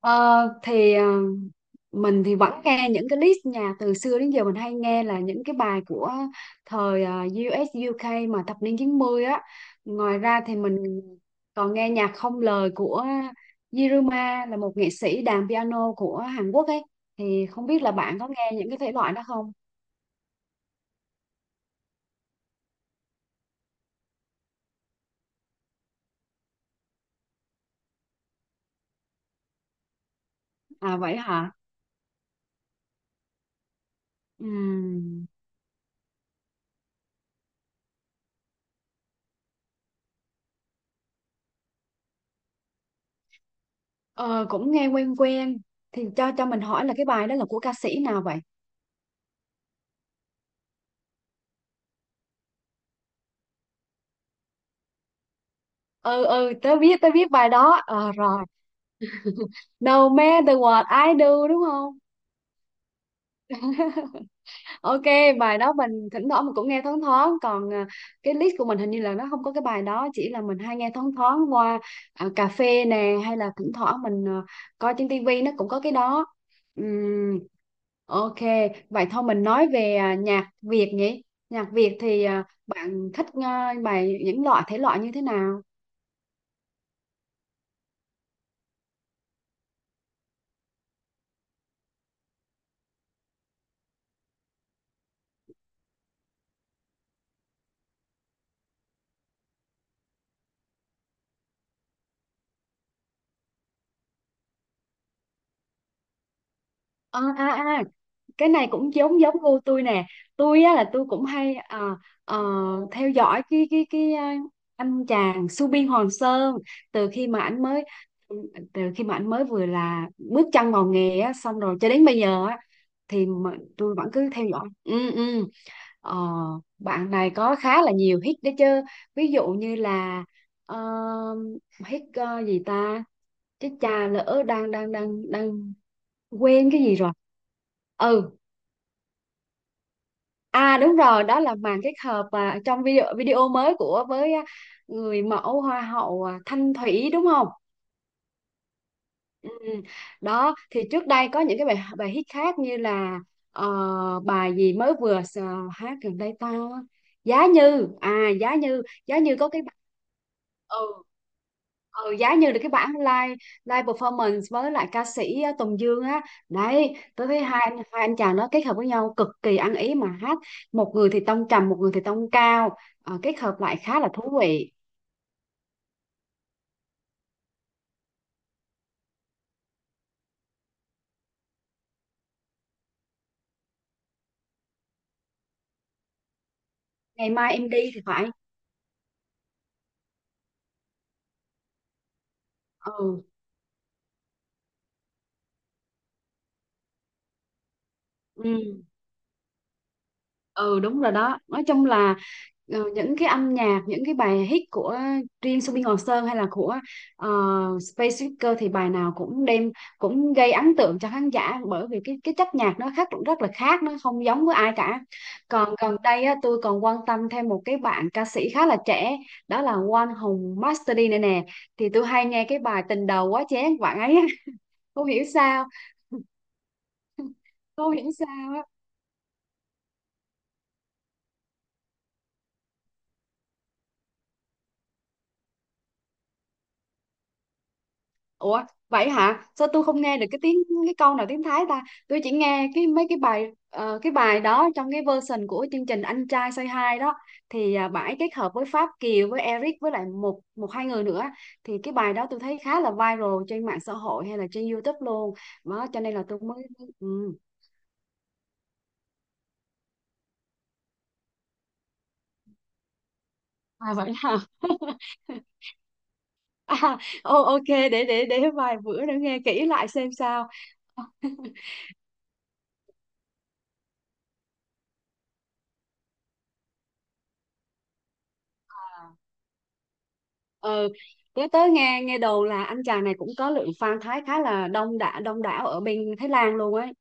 Ờ, thì ờ, mình thì vẫn nghe những cái list nhạc từ xưa đến giờ mình hay nghe là những cái bài của thời US UK mà thập niên 90 á. Ngoài ra thì mình còn nghe nhạc không lời của Yiruma, là một nghệ sĩ đàn piano của Hàn Quốc ấy. Thì không biết là bạn có nghe những cái thể loại đó không? À vậy hả? Ừm. Ờ, Cũng nghe quen quen, thì cho mình hỏi là cái bài đó là của ca sĩ nào vậy? Ừ, tớ biết, tớ biết bài đó. Ờ rồi. No matter what I do đúng không? Ok, bài đó mình thỉnh thoảng mình cũng nghe thoáng thoáng, còn cái list của mình hình như là nó không có cái bài đó, chỉ là mình hay nghe thoáng thoáng qua cà phê nè, hay là thỉnh thoảng mình coi trên tivi nó cũng có cái đó. Ừm, ok, vậy thôi mình nói về nhạc Việt nhỉ? Nhạc Việt thì bạn thích bài những loại thể loại như thế nào? À, cái này cũng giống giống gu tôi nè. Tôi á là tôi cũng hay ờ, theo dõi anh chàng Subin Hoàng Sơn từ khi mà anh mới, từ khi mà anh mới vừa là bước chân vào nghề á, xong rồi cho đến bây giờ á, thì mà tôi vẫn cứ theo dõi. Ừ ờ, Bạn này có khá là nhiều hit đấy chứ, ví dụ như là ờ, hit gì ta, chứ cha lỡ đang đang đang đang quên cái gì rồi. Ừ, à đúng rồi, đó là màn kết hợp trong video video mới của với người mẫu hoa hậu Thanh Thủy đúng không? Ừ. Đó thì trước đây có những cái bài bài hit khác như là bài gì mới vừa s- hát gần đây ta, giá như, à giá như, có cái ừ, ừ giá như là cái bản live, live performance với lại ca sĩ Tùng Dương á. Đấy, tôi thấy hai anh chàng đó kết hợp với nhau cực kỳ ăn ý mà hát, một người thì tông trầm, một người thì tông cao. Ờ, kết hợp lại khá là thú vị. Ngày mai em đi thì phải. Ừ ừ ừ đúng rồi đó, nói chung là ờ, những cái âm nhạc, những cái bài hit của riêng Subin Ngọc Sơn hay là của Space Speaker thì bài nào cũng đem, cũng gây ấn tượng cho khán giả, bởi vì cái chất nhạc nó khác, rất là khác, nó không giống với ai cả. Còn gần đây á, tôi còn quan tâm thêm một cái bạn ca sĩ khá là trẻ, đó là Quang Hùng Master D này nè. Thì tôi hay nghe cái bài Tình Đầu Quá Chén của bạn ấy. Không hiểu sao. Không hiểu sao. Ủa vậy hả? Sao tôi không nghe được cái tiếng, cái câu nào tiếng Thái ta? Tôi chỉ nghe cái mấy cái bài cái bài đó trong cái version của chương trình Anh Trai Say Hi đó, thì bãi kết hợp với Pháp Kiều, với Eric, với lại một một hai người nữa. Thì cái bài đó tôi thấy khá là viral trên mạng xã hội hay là trên YouTube luôn. Đó cho nên là tôi mới ừ. À vậy hả? À, ok, để để vài bữa nữa nghe kỹ lại xem sao. Ừ, nhớ tới nghe, nghe đồn là anh chàng này cũng có lượng fan Thái khá là đông đảo, đông đảo ở bên Thái Lan luôn ấy.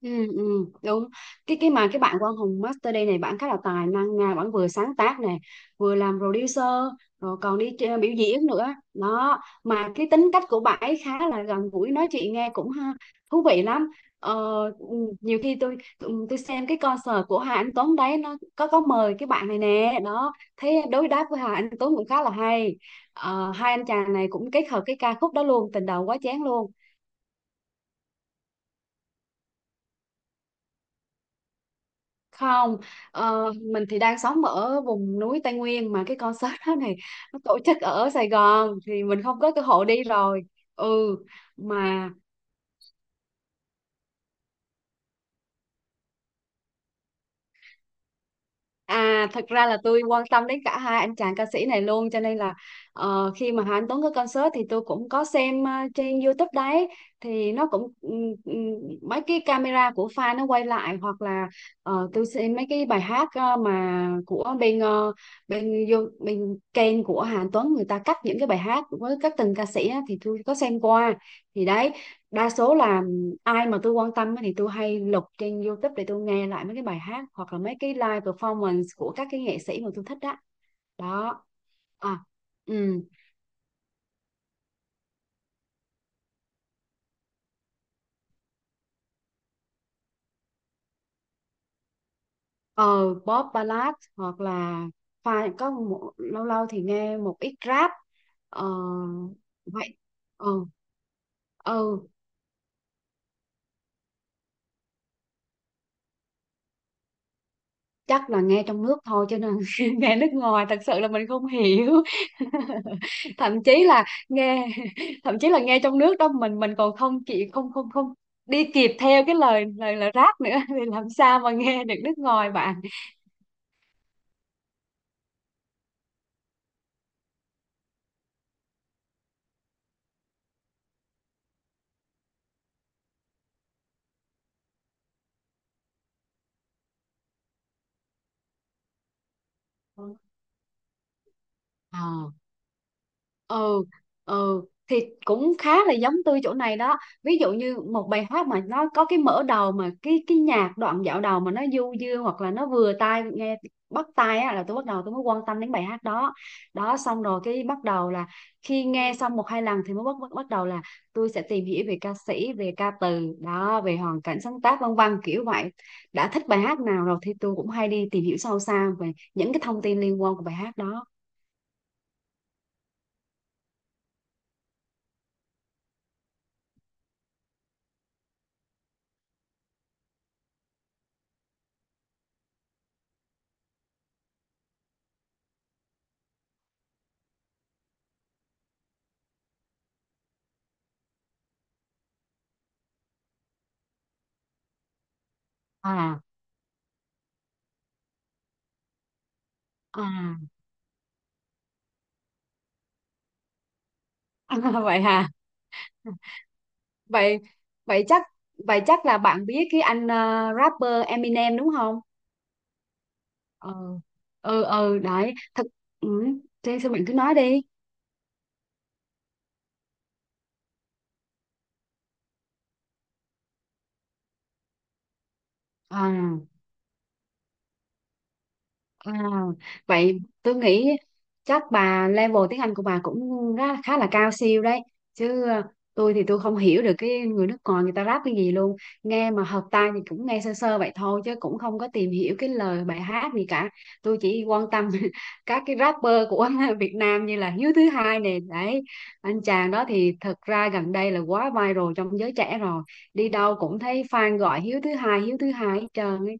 Ừ, ừ, đúng. Cái bạn của ông Hùng Master đây này, bạn khá là tài năng nha, bạn vừa sáng tác này, vừa làm producer, rồi còn đi biểu diễn nữa đó. Mà cái tính cách của bạn ấy khá là gần gũi, nói chuyện nghe cũng ha, thú vị lắm. ờ, ừ, Nhiều khi tôi xem cái concert của Hà Anh Tuấn đấy, nó có mời cái bạn này nè, đó thấy đối đáp với Hà Anh Tuấn cũng khá là hay. Hai anh chàng này cũng kết hợp cái ca khúc đó luôn, Tình Đầu Quá Chén luôn. Không, mình thì đang sống ở vùng núi Tây Nguyên, mà cái concert đó này nó tổ chức ở Sài Gòn thì mình không có cơ hội đi rồi. Ừ mà À thật ra là tôi quan tâm đến cả hai anh chàng ca sĩ này luôn, cho nên là khi mà Hà Anh Tuấn có concert thì tôi cũng có xem trên YouTube đấy. Thì nó cũng mấy cái camera của fan nó quay lại, hoặc là tôi xem mấy cái bài hát mà của bên bên bên kênh của Hà Anh Tuấn, người ta cắt những cái bài hát với các từng ca sĩ á, thì tôi có xem qua. Thì đấy, đa số là ai mà tôi quan tâm á thì tôi hay lục trên YouTube để tôi nghe lại mấy cái bài hát hoặc là mấy cái live performance của các cái nghệ sĩ mà tôi thích đó. Đó, à, ừ, ờ, pop ballad hoặc là có một, lâu lâu thì nghe một ít rap. Ờ vậy. Ờ, ừ, chắc là nghe trong nước thôi, cho nên nghe nước ngoài thật sự là mình không hiểu. Thậm chí là nghe, thậm chí là nghe trong nước đó, mình còn không chị không không không đi kịp theo cái lời, lời rap nữa, thì làm sao mà nghe được nước ngoài bạn. Ờ. ừ ừ thì Cũng khá là giống tôi chỗ này đó, ví dụ như một bài hát mà nó có cái mở đầu mà cái nhạc đoạn dạo đầu mà nó du dương hoặc là nó vừa tai nghe, bắt tai á, là tôi bắt đầu tôi mới quan tâm đến bài hát đó. Đó xong rồi cái bắt đầu là khi nghe xong một hai lần thì mới bắt bắt, bắt đầu là tôi sẽ tìm hiểu về ca sĩ, về ca từ đó, về hoàn cảnh sáng tác, vân vân kiểu vậy. Đã thích bài hát nào rồi thì tôi cũng hay đi tìm hiểu sâu xa về những cái thông tin liên quan của bài hát đó. À, à. À, vậy hả? Vậy vậy chắc Vậy chắc là bạn biết cái anh rapper Eminem đúng không? Ừ. Ừ ừ đấy, thật, ừ, thế sao bạn cứ nói đi. À. À, vậy tôi nghĩ chắc bà level tiếng Anh của bà cũng khá là cao siêu đấy chứ. Ờ, tôi thì tôi không hiểu được cái người nước ngoài người ta rap cái gì luôn, nghe mà hợp tai thì cũng nghe sơ sơ vậy thôi, chứ cũng không có tìm hiểu cái lời bài hát gì cả. Tôi chỉ quan tâm các cái rapper của Việt Nam như là Hiếu Thứ Hai nè đấy, anh chàng đó thì thật ra gần đây là quá viral trong giới trẻ rồi, đi đâu cũng thấy fan gọi Hiếu Thứ Hai, Hiếu Thứ Hai hết trơn ấy.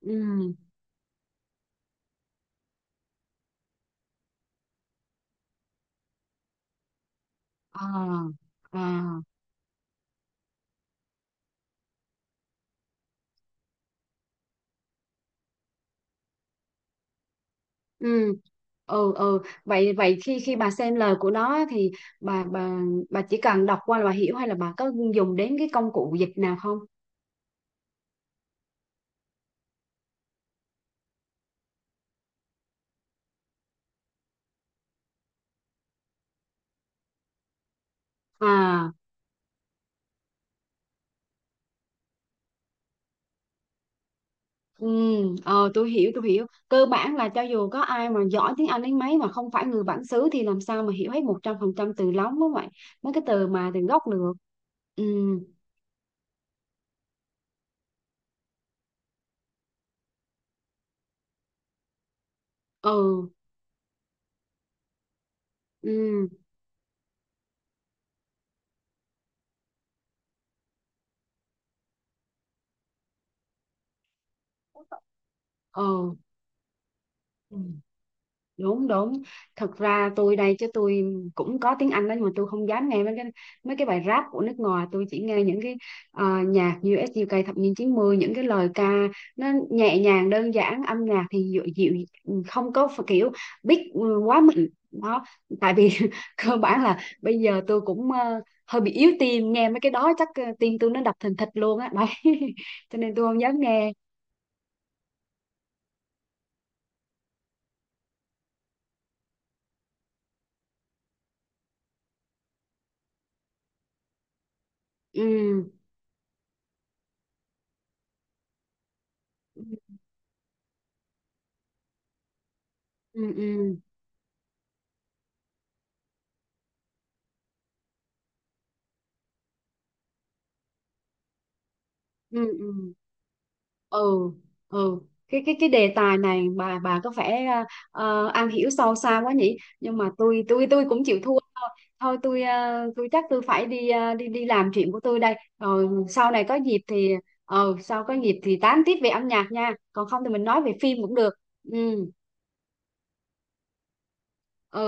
Ừ. À, à, ừ ừ ừ, vậy vậy khi khi bà xem lời của nó á, thì bà bà bà chỉ cần đọc qua là bà hiểu, hay là bà có dùng đến cái công cụ dịch nào không? À, ừ, ờ, tôi hiểu tôi hiểu, cơ bản là cho dù có ai mà giỏi tiếng Anh đến mấy mà không phải người bản xứ thì làm sao mà hiểu hết 100% từ lóng, đúng vậy. Mấy cái từ mà từ gốc được. Ừ ừ ừ ừ. Ừ. Đúng đúng, thật ra tôi đây chứ tôi cũng có tiếng Anh đó, nhưng mà tôi không dám nghe mấy cái, mấy cái bài rap của nước ngoài. Tôi chỉ nghe những cái nhạc US UK thập niên 90, những cái lời ca nó nhẹ nhàng đơn giản, âm nhạc thì dịu, dịu, không có phải kiểu beat ừ, quá mạnh đó. Tại vì cơ bản là bây giờ tôi cũng hơi bị yếu tim, nghe mấy cái đó chắc tim tôi nó đập thình thịch luôn á đấy. Cho nên tôi không dám nghe. Ừ ừ ừ ừ ừ. Ừ. ừ ừ cái cái đề tài này bà có vẻ am hiểu sâu xa quá nhỉ, nhưng mà tôi cũng chịu thua. Thôi tôi tôi chắc tôi phải đi đi đi làm chuyện của tôi đây, rồi sau này có dịp thì sau có dịp thì tám tiếp về âm nhạc nha, còn không thì mình nói về phim cũng được. Ừ ừ.